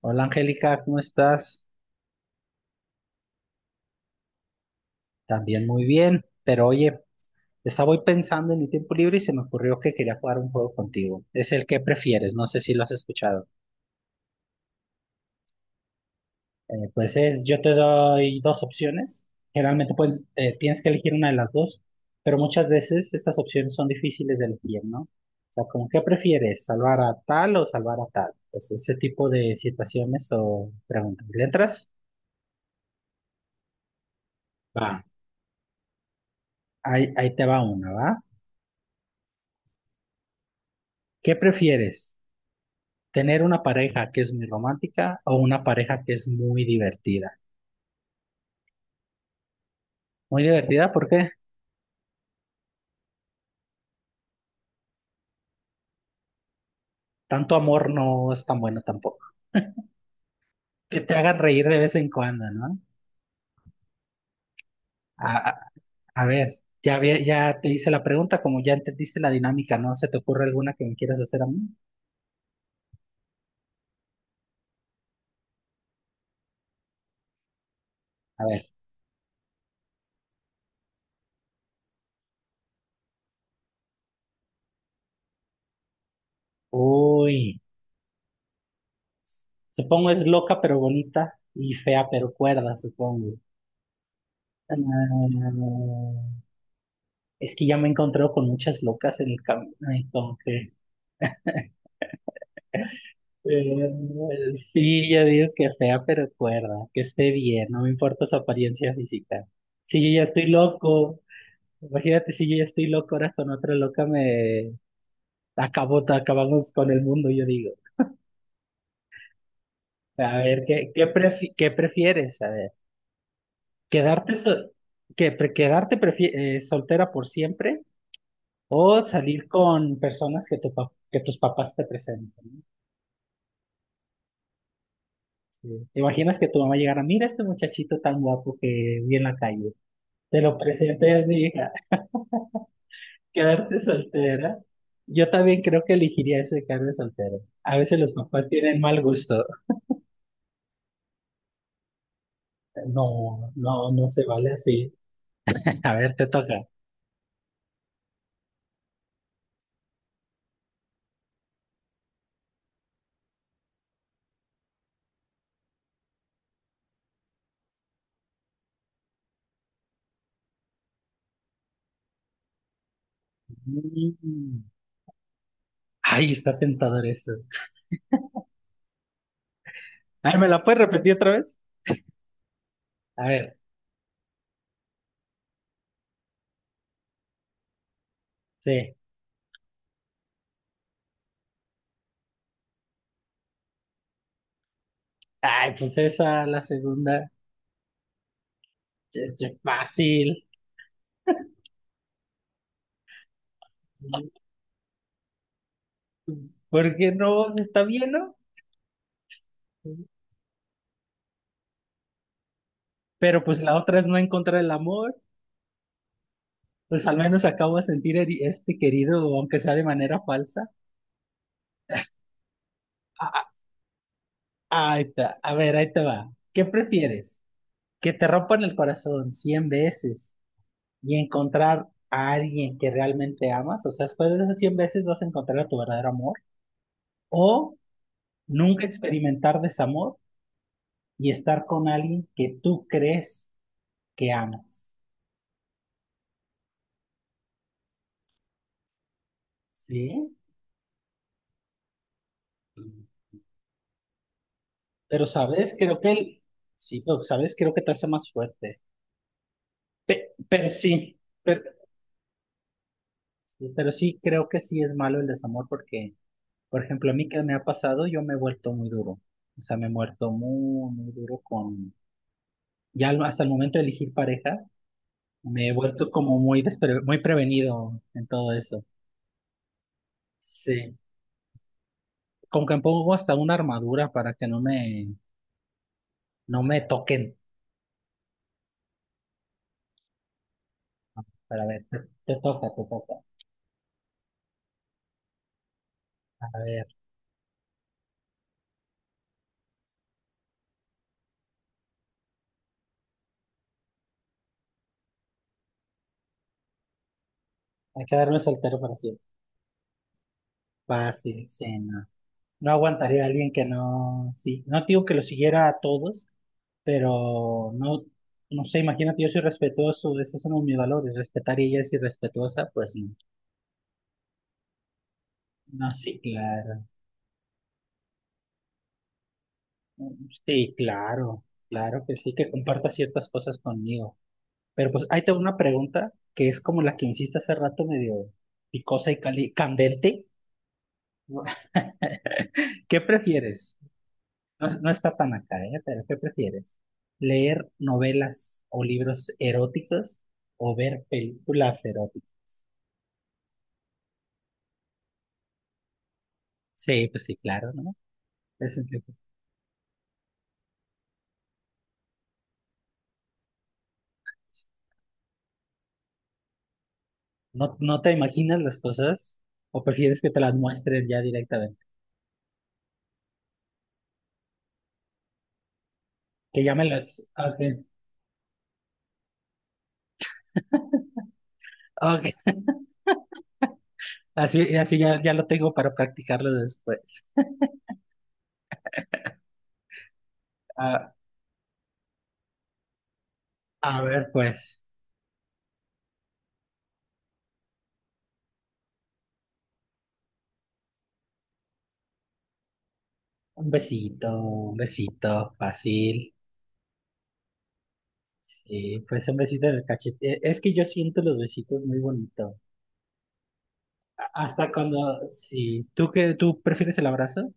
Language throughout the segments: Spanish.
Hola Angélica, ¿cómo estás? También muy bien, pero oye, estaba hoy pensando en mi tiempo libre y se me ocurrió que quería jugar un juego contigo. Es el que prefieres, no sé si lo has escuchado. Pues yo te doy dos opciones, generalmente tienes que elegir una de las dos, pero muchas veces estas opciones son difíciles de elegir, ¿no? O sea, como qué prefieres, salvar a tal o salvar a tal. Pues ese tipo de situaciones o preguntas. ¿Le entras? Va, ahí te va una, ¿va? ¿Qué prefieres? Tener una pareja que es muy romántica o una pareja que es muy divertida. Muy divertida porque tanto amor no es tan bueno tampoco. Que te hagan reír de vez en cuando, ¿no? A, a- a ver, ya te hice la pregunta, como ya entendiste la dinámica, ¿no? ¿Se te ocurre alguna que me quieras hacer a mí? A ver, uy, supongo es loca pero bonita y fea pero cuerda, supongo. Ah, es que ya me he encontrado con muchas locas en el camino, y como que. Sí, yo digo que fea, pero cuerda, que esté bien, no me importa su apariencia física. Si yo ya estoy loco, imagínate si yo ya estoy loco, ahora con otra loca me acabó, te acabamos con el mundo, yo digo. A ver, ¿ qué prefieres? A ver, ¿quedarte, sol- que, pre- quedarte prefi- soltera por siempre o salir con personas que tus papás te presenten, ¿no? Sí. ¿Te imaginas que tu mamá llegara: mira este muchachito tan guapo que vi en la calle, te lo presenté a mi hija? Quedarte soltera. Yo también creo que elegiría eso de quedarme soltero. A veces los papás tienen mal gusto. No, no, no se vale así. A ver, te toca. Mm. Ay, está tentador eso. Ay, ¿me la puedes repetir otra vez? A ver, sí. Ay, pues esa, la segunda. Es fácil. ¿Por qué no? Pues está bien, ¿no? Pero pues la otra es no encontrar el amor. Pues al menos acabo de sentir este querido, aunque sea de manera falsa. Ah, ah, ahí está. A ver, ahí te va. ¿Qué prefieres? ¿Que te rompan el corazón 100 veces y encontrar a alguien que realmente amas? O sea, después de esas 100 veces vas a encontrar a tu verdadero amor. ¿O nunca experimentar desamor y estar con alguien que tú crees que amas? ¿Sí? Pero, ¿sabes? Creo que el... Sí, pero, ¿sabes? Creo que te hace más fuerte. Pero sí. Sí, pero sí, creo que sí es malo el desamor porque, por ejemplo, a mí que me ha pasado, yo me he vuelto muy duro. O sea, me he muerto muy, muy duro con, ya al- hasta el momento de elegir pareja, me he vuelto como muy prevenido en todo eso. Sí, como que me pongo hasta una armadura para que no me toquen. Para ver, te toca, te toca. A ver, hay que darme soltero para siempre. Fácil, sí, no. No aguantaría a alguien que no, sí, no digo que lo siguiera a todos pero no, no sé, imagínate, yo soy respetuoso, ese es uno de mis valores, respetar y ella es irrespetuosa, pues no. No, sí, claro. Sí, claro, claro que sí, que comparta ciertas cosas conmigo. Pero pues ahí tengo una pregunta que es como la que me hiciste hace rato, medio picosa y candente. ¿Qué prefieres? No, no está tan acá, ¿eh? Pero ¿qué prefieres? ¿Leer novelas o libros eróticos o ver películas eróticas? Sí, pues sí, claro, ¿no? Es el que pues. ¿No, no te imaginas las cosas o prefieres que te las muestren ya directamente? Que ya me las... Ok, ok, así, así ya, ya lo tengo para practicarlo después. a a ver, pues, un besito, un besito, fácil. Sí, pues un besito en el cachete. Es que yo siento los besitos muy bonito. A- hasta cuando, sí, ¿tú qué tú prefieres, el abrazo?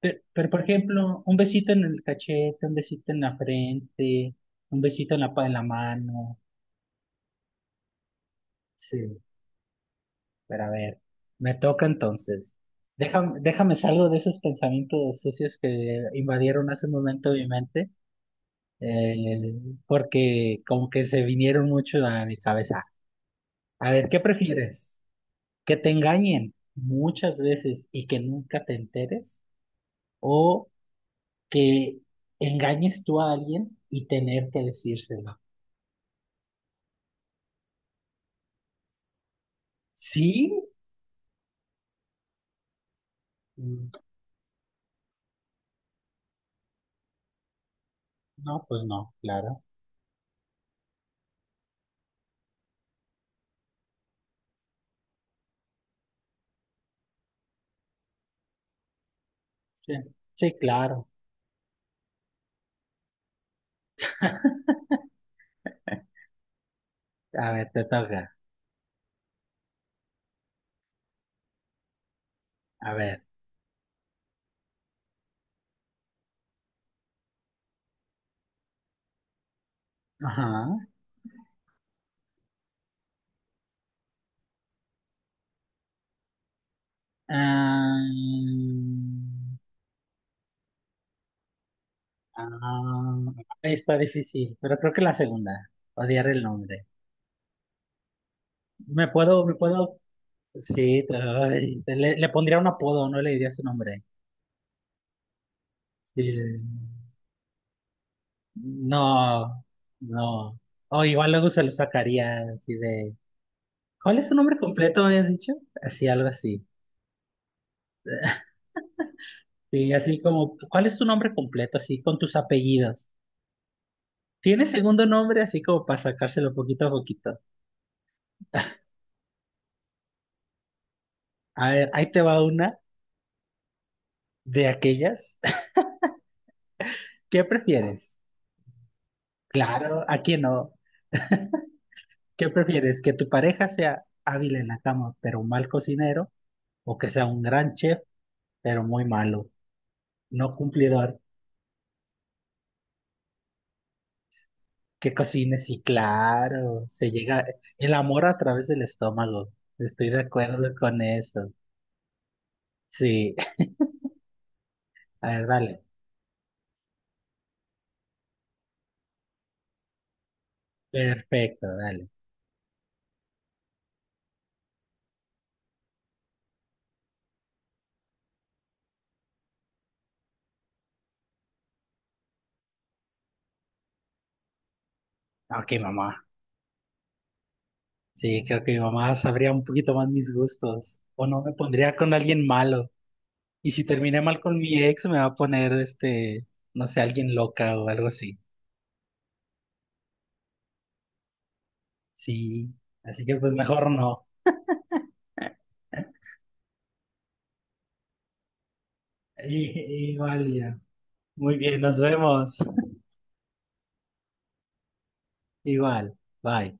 Pero, por ejemplo, un besito en el cachete, un besito en la frente, un besito en la, en la mano. Sí, pero a ver, me toca entonces. Déjame salgo de esos pensamientos sucios que invadieron hace un momento mi mente, eh, porque como que se vinieron mucho a mi cabeza. A ver, ¿qué prefieres? ¿Que te engañen muchas veces y que nunca te enteres? ¿O que engañes tú a alguien y tener que decírselo? ¿Sí? Mm, no, pues no, claro. Sí, sí, claro. A ver, te toca. A ver. Ajá. Ah, ah, está difícil, pero creo que la segunda. Odiar el nombre. Me puedo. Sí, ay, le pondría un apodo, no le diría su nombre. Sí. No, no. O igual luego se lo sacaría así de: ¿cuál es su nombre completo, me has dicho? Así, algo así. Sí, así como, ¿cuál es tu nombre completo? Así con tus apellidos. ¿Tiene segundo nombre? Así como para sacárselo poquito a poquito. A ver, ahí te va una de aquellas. ¿Qué prefieres? Claro, aquí no. ¿Qué prefieres? ¿Que tu pareja sea hábil en la cama, pero un mal cocinero? ¿O que sea un gran chef, pero muy malo, no cumplidor? Que cocine, sí, claro. Se llega el amor a través del estómago. Estoy de acuerdo con eso. Sí, a ver, dale. Perfecto, dale. Ok, mamá. Sí, creo que mi mamá sabría un poquito más mis gustos. O no me pondría con alguien malo. Y si terminé mal con mi ex, me va a poner, no sé, alguien loca o algo así. Sí, así que pues mejor no. Igual ya. Muy bien, nos vemos. Igual, bye.